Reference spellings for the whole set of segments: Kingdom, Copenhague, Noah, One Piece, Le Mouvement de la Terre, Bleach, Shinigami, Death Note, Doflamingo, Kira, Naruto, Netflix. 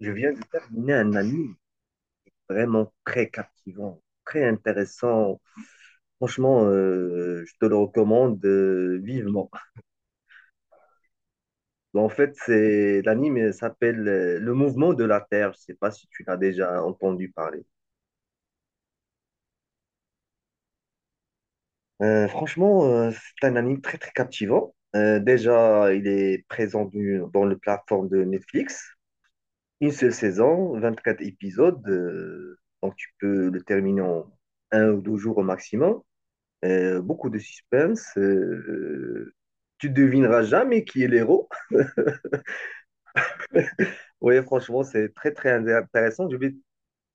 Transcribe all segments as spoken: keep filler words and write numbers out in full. Je viens de terminer un anime vraiment très captivant, très intéressant. Franchement, euh, je te le recommande euh, vivement. Bon, En fait, c'est l'anime euh, s'appelle euh, Le Mouvement de la Terre. Je sais pas si tu l'as déjà entendu parler. Euh, franchement, euh, c'est un anime très très captivant. Euh, déjà, il est présent du- dans la plateforme de Netflix. Une seule saison, vingt-quatre épisodes. Euh, donc tu peux le terminer en un ou deux jours au maximum. Euh, beaucoup de suspense. Euh, tu devineras jamais qui est l'héros. Oui, franchement, c'est très, très intéressant. Je vais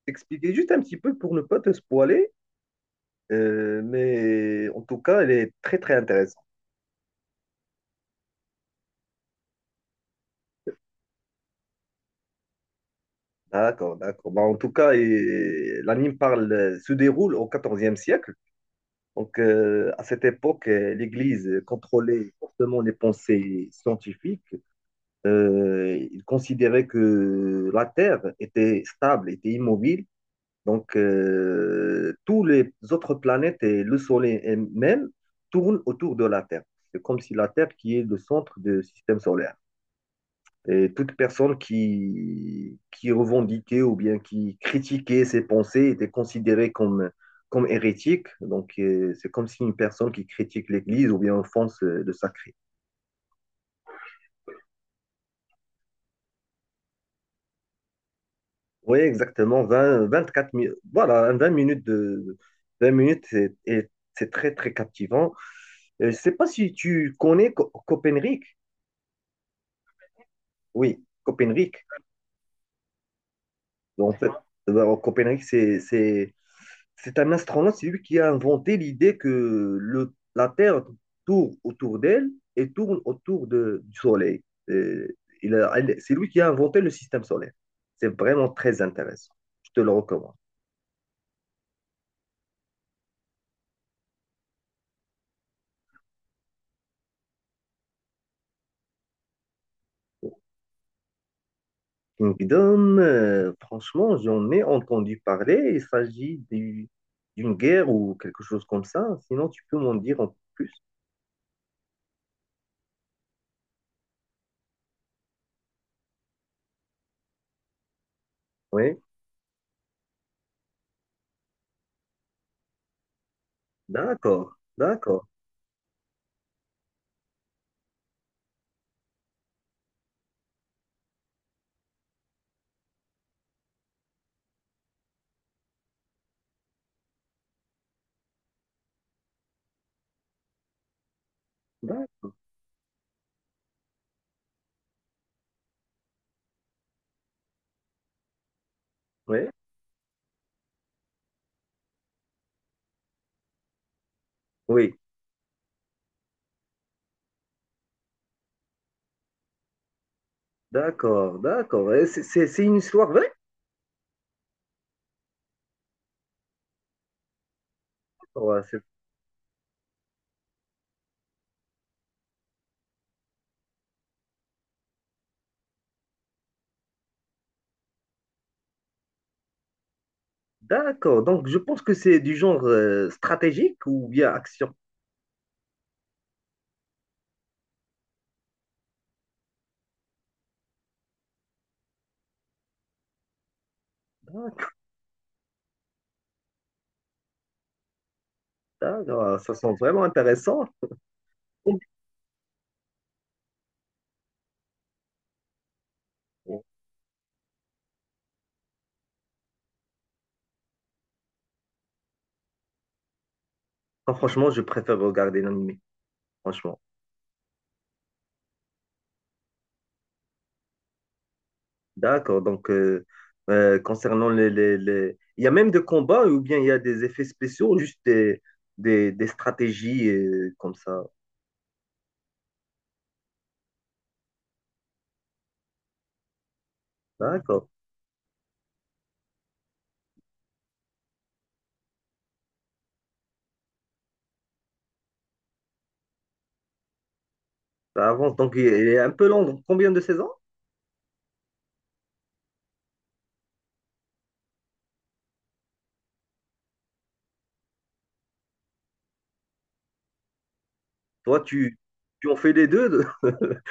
t'expliquer juste un petit peu pour ne pas te spoiler, euh, mais en tout cas, elle est très, très intéressante. D'accord, d'accord. Bah, en tout cas, et- l'anime parle, euh, se déroule au XIVe siècle. Donc, euh, à cette époque, euh, l'Église contrôlait fortement les pensées scientifiques. Euh, il considérait que la Terre était stable, était immobile. Donc, euh, tous les autres planètes et le Soleil même tournent autour de la Terre. C'est comme si la Terre qui est le centre du système solaire. Et toute personne qui, qui revendiquait ou bien qui critiquait ses pensées était considérée comme, comme hérétique. Donc, euh, c'est comme si une personne qui critique l'Église ou bien offense euh, le sacré. Oui, exactement, vingt vingt-quatre minutes. Voilà, vingt minutes de vingt minutes, c'est et c'est très, très captivant. Euh, Je ne sais pas si tu connais Co- Copenhague. Oui, Copenhague. En fait, euh, Copenhague, c'est, c'est, c'est un astronaute, c'est lui qui a inventé l'idée que le, la Terre tourne autour d'elle et tourne autour de- du Soleil. Euh, il a- elle- c'est lui qui a inventé le système solaire. C'est vraiment très intéressant. Je te le recommande. Kingdom, euh, franchement, j'en ai entendu parler. Il s'agit du- d'une guerre ou quelque chose comme ça. Sinon, tu peux m'en dire un peu plus. Oui, d'accord, d'accord, d'accord. Oui, oui, d'accord, d'accord. Et C'est c'est- c'est une histoire vraie? Ouais, c'est- D'accord. Donc, je pense que c'est du genre euh, stratégique ou bien action. D'accord, d'accord. Ça sent vraiment intéressant. Non, franchement, je préfère regarder l'anime. Franchement. D'accord, donc euh, euh, concernant les, les, les- Il y a même des combats ou bien il y a des effets spéciaux, juste des, des, des stratégies euh, comme ça. D'accord, ça avance. Donc il est un peu long. Donc, combien de saisons? Toi, tu, tu en fais les deux? de-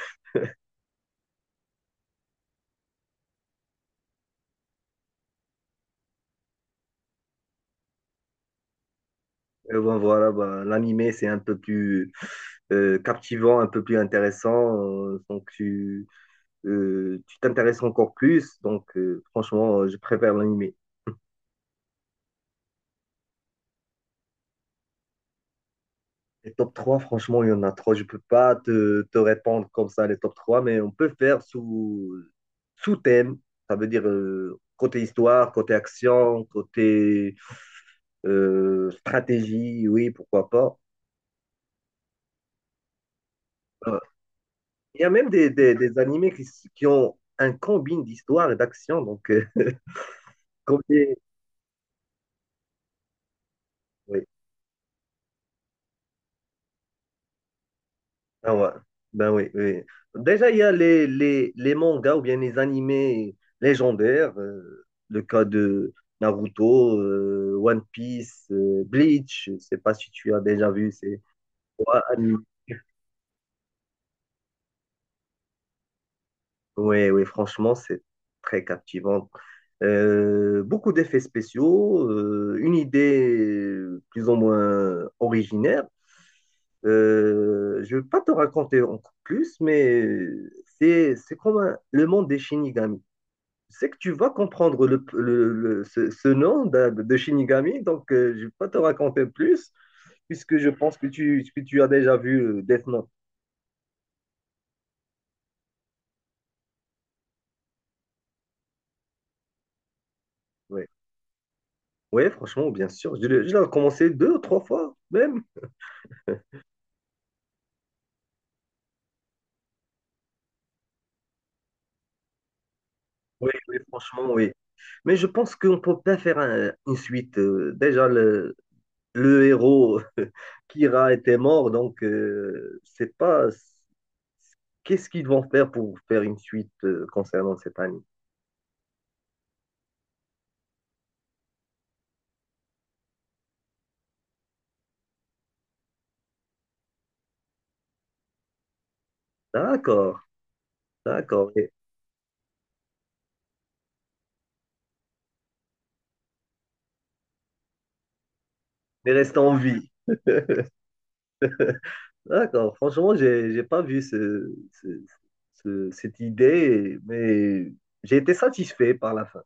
Euh, bon, voilà, ben, l'animé, c'est un peu plus euh, captivant, un peu plus intéressant. euh, donc tu euh, tu t'intéresses encore plus. Donc euh, franchement, je préfère l'animé. Les top trois, franchement, il y en a trop. Je peux pas te, te répondre comme ça, les top trois, mais on peut faire sous, sous thème. Ça veut dire euh, côté histoire, côté action, côté euh, stratégie, oui, pourquoi pas. Euh, Il y a même des, des, des animés qui, s- qui ont un combine d'histoire et d'action, donc euh, combien- oui. Ah ouais, ben oui, oui, oui. Déjà, il y a les, les, les mangas ou bien les animés légendaires, euh, le cas de Naruto, euh, One Piece, euh, Bleach, je sais pas si tu as déjà vu ces trois animés. Oui, oui, franchement, c'est très captivant. Euh, beaucoup d'effets spéciaux, euh, une idée plus ou moins originaire. Euh, je ne vais pas te raconter encore plus, mais c'est c'est comme un- le monde des Shinigami. C'est que tu vas comprendre le, le- le- ce, ce nom de, de Shinigami, donc euh, je ne vais pas te raconter plus, puisque je pense que tu, que tu as déjà vu euh, Death Note. Oui, ouais, franchement, bien sûr. Je l'ai je l'ai commencé deux ou trois fois, même. Oui, oui, franchement, oui. Mais je pense qu'on ne peut pas faire un- une suite. Euh, déjà, le, le héros Kira était mort, donc euh, c'est pas... Qu'est-ce qu'ils vont faire pour faire une suite euh, concernant cette année? D'accord, d'accord, mais reste en vie. D'accord. Franchement, j'ai j'ai pas vu ce, ce- ce- cette idée, mais j'ai été satisfait par la fin.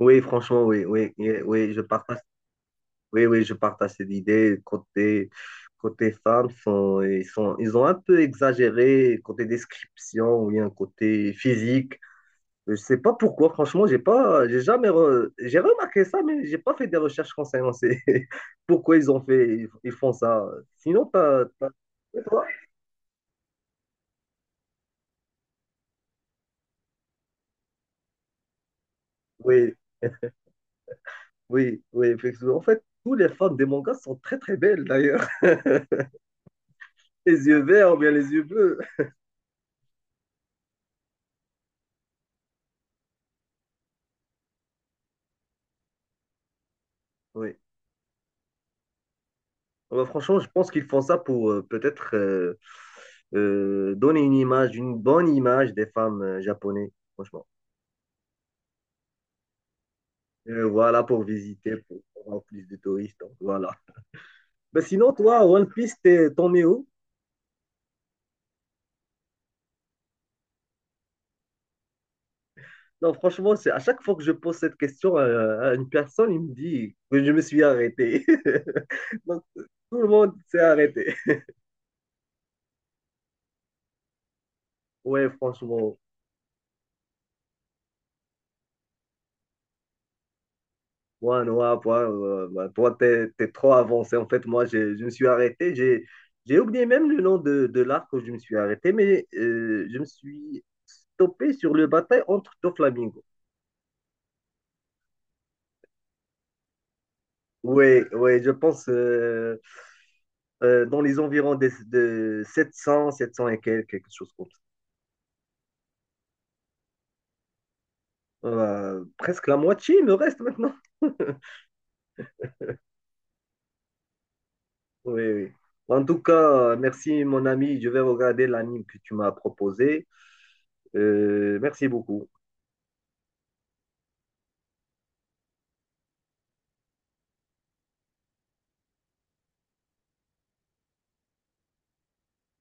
Oui, franchement, oui, oui, oui, oui, je partage, oui, oui, je partage cette idée. Côté, côté femmes, sont, ils sont, ils ont un peu exagéré côté description ou bien côté physique. Je sais pas pourquoi, franchement, j'ai pas, j'ai jamais, re- j'ai remarqué ça, mais j'ai pas fait des recherches concernant ces... pourquoi ils ont fait, ils, ils font ça. Sinon, t'as, t'as- et toi? Oui, oui, oui, effectivement. En fait, tous les femmes des mangas sont très très belles d'ailleurs. Les yeux verts ou bien les yeux bleus. Oui, bah franchement, je pense qu'ils font ça pour euh, peut-être euh, euh, donner une image, une bonne image des femmes euh, japonaises, franchement. Euh, voilà, pour visiter, pour avoir plus de touristes. Donc, voilà. Ben sinon, toi, One Piece, t'es- t'en es où? Non, franchement, c'est à chaque fois que je pose cette question à, à une personne, il me dit que je me suis arrêté. Donc, tout le monde s'est arrêté. Ouais, franchement, moi, Noah, toi, euh, bah, toi, t'es, t'es trop avancé. En fait, moi, j'ai- je, me suis arrêté. J'ai, j'ai oublié même le nom de, de l'arc où je me suis arrêté, mais euh, je me suis stoppé sur le bataille entre Doflamingo. Ouais, ouais, je pense. Euh, euh, dans les environs des- de sept cents, sept cents et quelques, quelque chose comme ça. Euh, presque la moitié il me reste maintenant. Oui, oui. En tout cas, euh, merci mon ami. Je vais regarder l'anime que tu m'as proposé. Euh, merci beaucoup.